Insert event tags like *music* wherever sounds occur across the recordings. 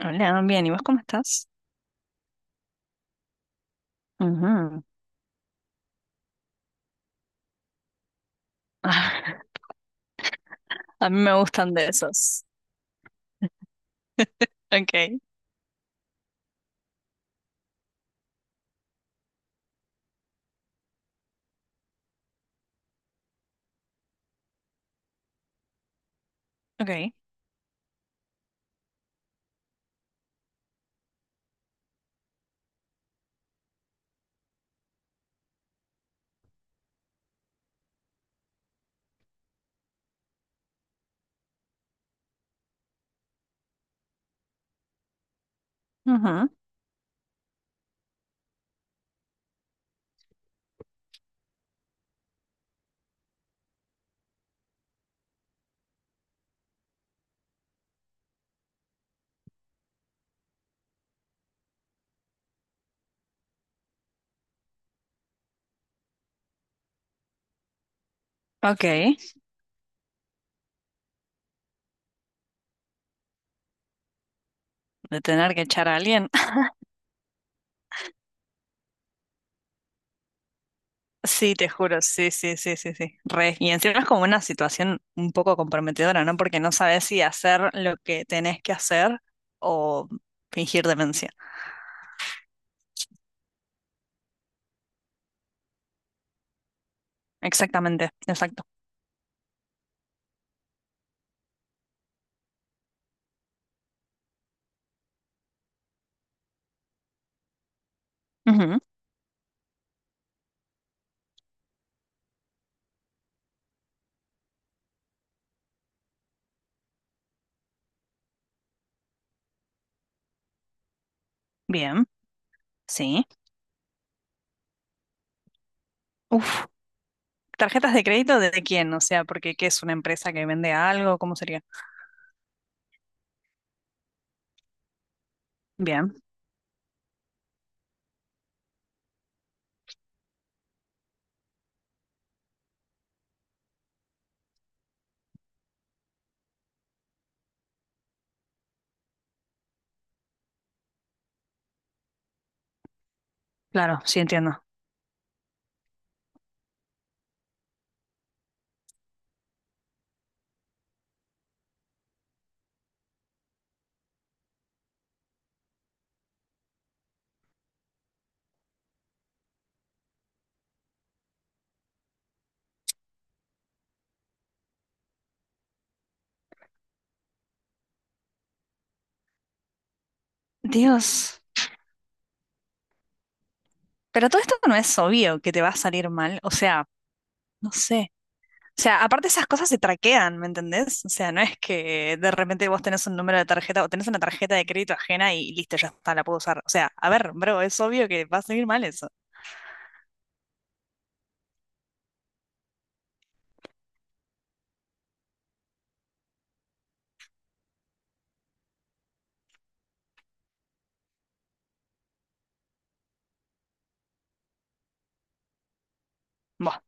Hola, bien, ¿y vos cómo estás? Ujú. *laughs* Ah, a mí me gustan de esos. Okay, okay. Ujú. Okay, de tener que echar a alguien. *laughs* Sí, te juro, sí, sí, sí, sí, sí. Re. Y encima es como una situación un poco comprometedora, ¿no? Porque no sabes si hacer lo que tenés que hacer o fingir demencia. Exactamente, exacto. Ujú. Bien, sí. Uf, ¿tarjetas de crédito de quién? O sea, porque ¿qué es una empresa que vende algo? ¿Cómo sería? Bien, claro, sí entiendo. Dios, pero todo esto no es obvio que te va a salir mal, o sea, no sé. O sea, aparte esas cosas se traquean, ¿me entendés? O sea, no es que de repente vos tenés un número de tarjeta o tenés una tarjeta de crédito ajena y listo, ya está, la puedo usar. O sea, a ver, bro, es obvio que va a salir mal eso. Buah.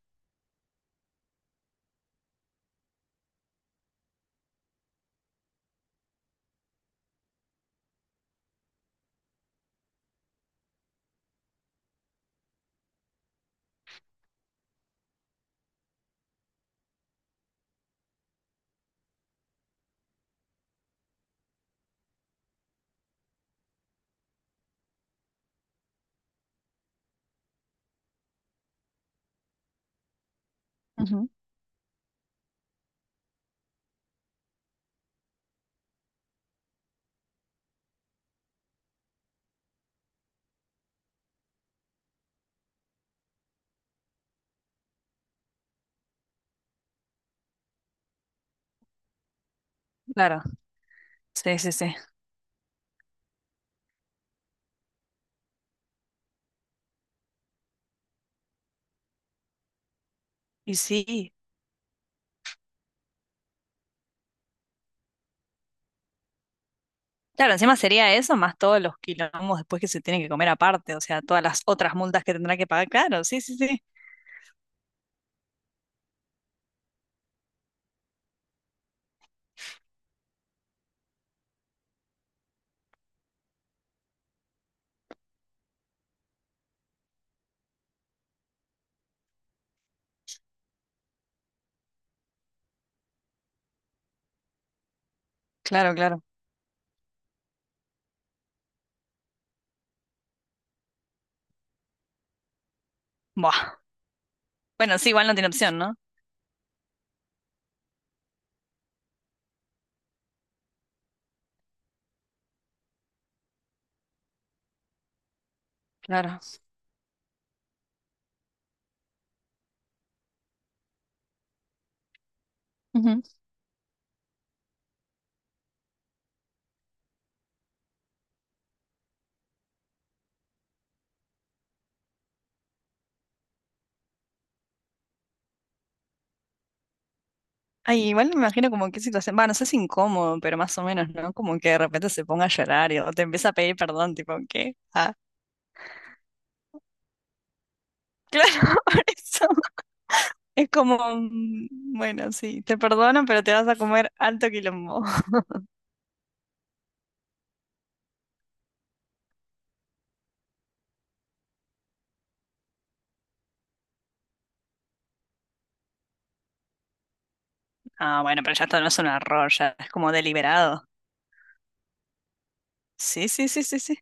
Ujú, claro, sí, sí, sí. Y sí, claro, encima sería eso más todos los quilombos después que se tienen que comer aparte, o sea, todas las otras multas que tendrá que pagar, claro, sí, sí, sí. Claro, claro. Buah. Bueno, sí, igual no tiene opción, ¿no? Claro. Ay, igual me imagino como qué situación, va, no sé si incómodo, pero más o menos, ¿no? Como que de repente se ponga a llorar y, o te empieza a pedir perdón, tipo, ¿qué? Ah, *laughs* claro, por eso. Es como, mm, bueno, sí, te perdono, pero te vas a comer alto quilombo. *laughs* Ah, bueno, pero ya esto no es un error, ya es como deliberado. Sí, sí, sí, sí, sí.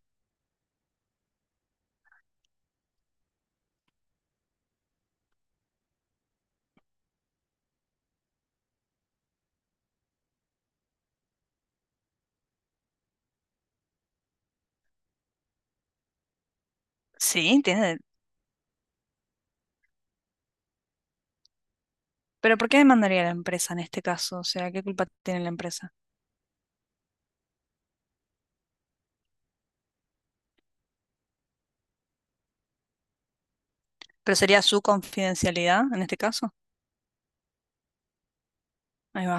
Sí, tiene. Pero ¿por qué demandaría la empresa en este caso? O sea, ¿qué culpa tiene la empresa? ¿Pero sería su confidencialidad en este caso? Ahí va,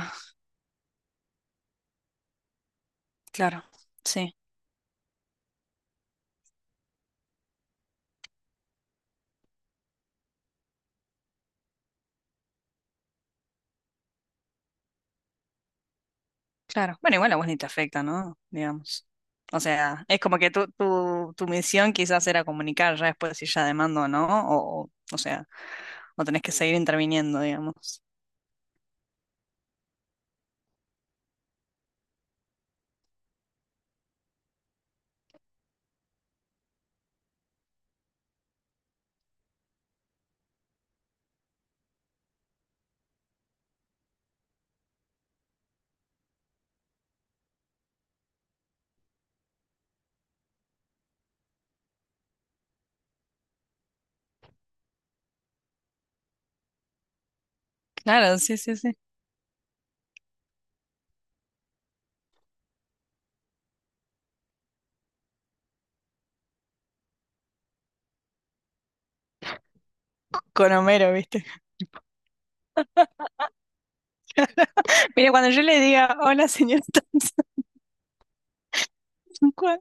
claro. Sí. Claro. Bueno, igual a vos ni te afecta, ¿no? Digamos. O sea, es como que tu misión quizás era comunicar ya después si ya demando o no, o sea, o tenés que seguir interviniendo, digamos. Claro, sí, sí, sí. Con Homero, ¿viste? *laughs* Mira, cuando yo le diga, hola, señor *laughs* Thompson", ¿cuál?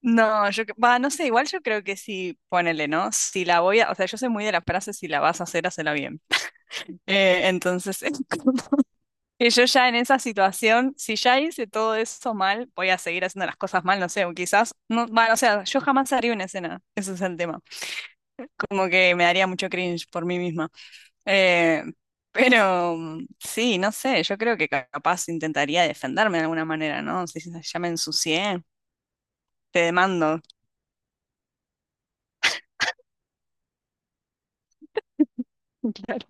No, yo, va, no sé, igual yo creo que sí, ponele, ¿no? Si la voy a, o sea, yo soy muy de las frases, si la vas a hacer, hacela bien. Entonces, *laughs* que yo ya en esa situación, si ya hice todo eso mal, voy a seguir haciendo las cosas mal, no sé, o quizás, no, bueno, o sea, yo jamás haría una escena, ese es el tema. Como que me daría mucho cringe por mí misma. Eh, pero mm, sí, no sé, yo creo que capaz intentaría defenderme de alguna manera, ¿no? Si ya me ensucié, te demando. Claro,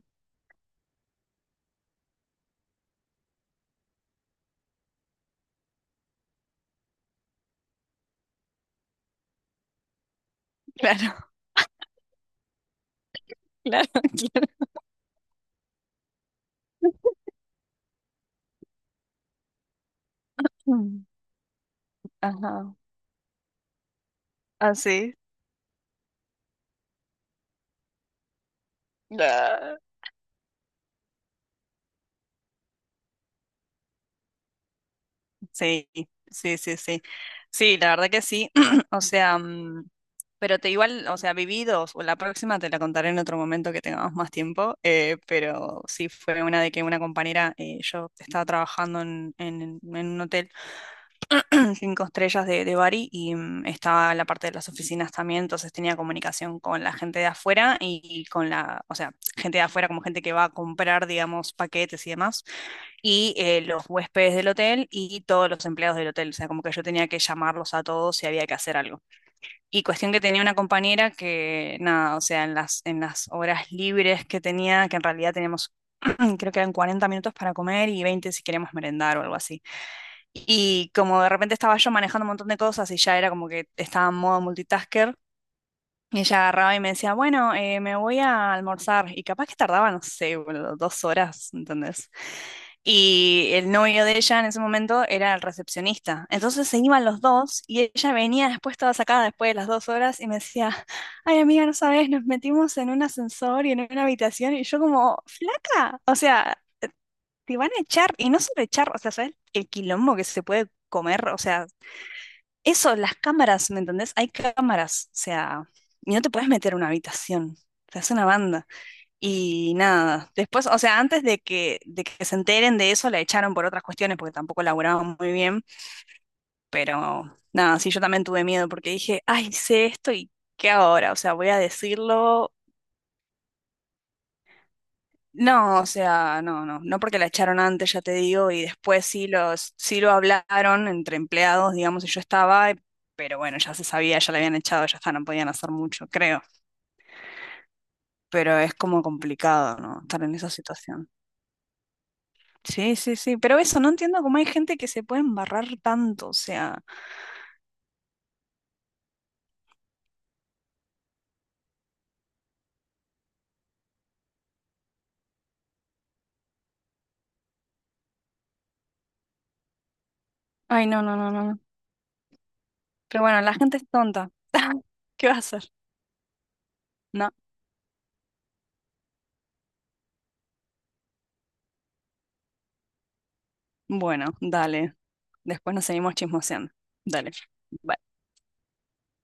claro, *laughs* claro, claro. Mm. Ajá, así. Sí, sí, sí, sí. Sí, la verdad que sí. *clears throat* O sea, mm, pero te igual, o sea, viví dos, o la próxima te la contaré en otro momento que tengamos más tiempo, pero sí fue una de que una compañera, yo estaba trabajando en, en un hotel *clears throat* cinco estrellas de Bari y mm, estaba la parte de las oficinas también, entonces tenía comunicación con la gente de afuera y con la, o sea, gente de afuera como gente que va a comprar, digamos, paquetes y demás y los huéspedes del hotel y todos los empleados del hotel. O sea, como que yo tenía que llamarlos a todos si había que hacer algo. Y cuestión que tenía una compañera que, nada, o sea, en las horas libres que tenía, que en realidad teníamos, *clears throat* creo que eran 40 minutos para comer y 20 si queríamos merendar o algo así. Y como de repente estaba yo manejando un montón de cosas y ya era como que estaba en modo multitasker, y ella agarraba y me decía, bueno, me voy a almorzar. Y capaz que tardaba, no sé, boludo, dos horas, ¿entendés? Y el novio de ella en ese momento era el recepcionista. Entonces se iban los dos y ella venía después toda sacada después de las dos horas y me decía, ay amiga, no sabes, nos metimos en un ascensor y en una habitación y yo como, flaca, o sea, te van a echar y no solo echar, o sea, ¿sabes el quilombo que se puede comer? O sea, eso, las cámaras, ¿me entendés? Hay cámaras, o sea, y no te puedes meter a una habitación, te hace una banda. Y nada, después, o sea, antes de que se enteren de eso, la echaron por otras cuestiones, porque tampoco laburaban muy bien, pero nada, sí, yo también tuve miedo, porque dije, ay, sé esto y ¿qué ahora? O sea, voy a decirlo. No, o sea, no, no, no porque la echaron antes, ya te digo, y después sí los, sí lo hablaron entre empleados, digamos, y yo estaba, pero bueno, ya se sabía, ya la habían echado, ya está, no podían hacer mucho, creo. Pero es como complicado, ¿no? Estar en esa situación. Sí, sí, sí, pero eso, no entiendo cómo hay gente que se puede embarrar tanto, o sea, ay, no, no, no, no, no. Pero bueno, la gente es tonta. *laughs* ¿Qué va a hacer? No. Bueno, dale, después nos seguimos chismoseando. Dale.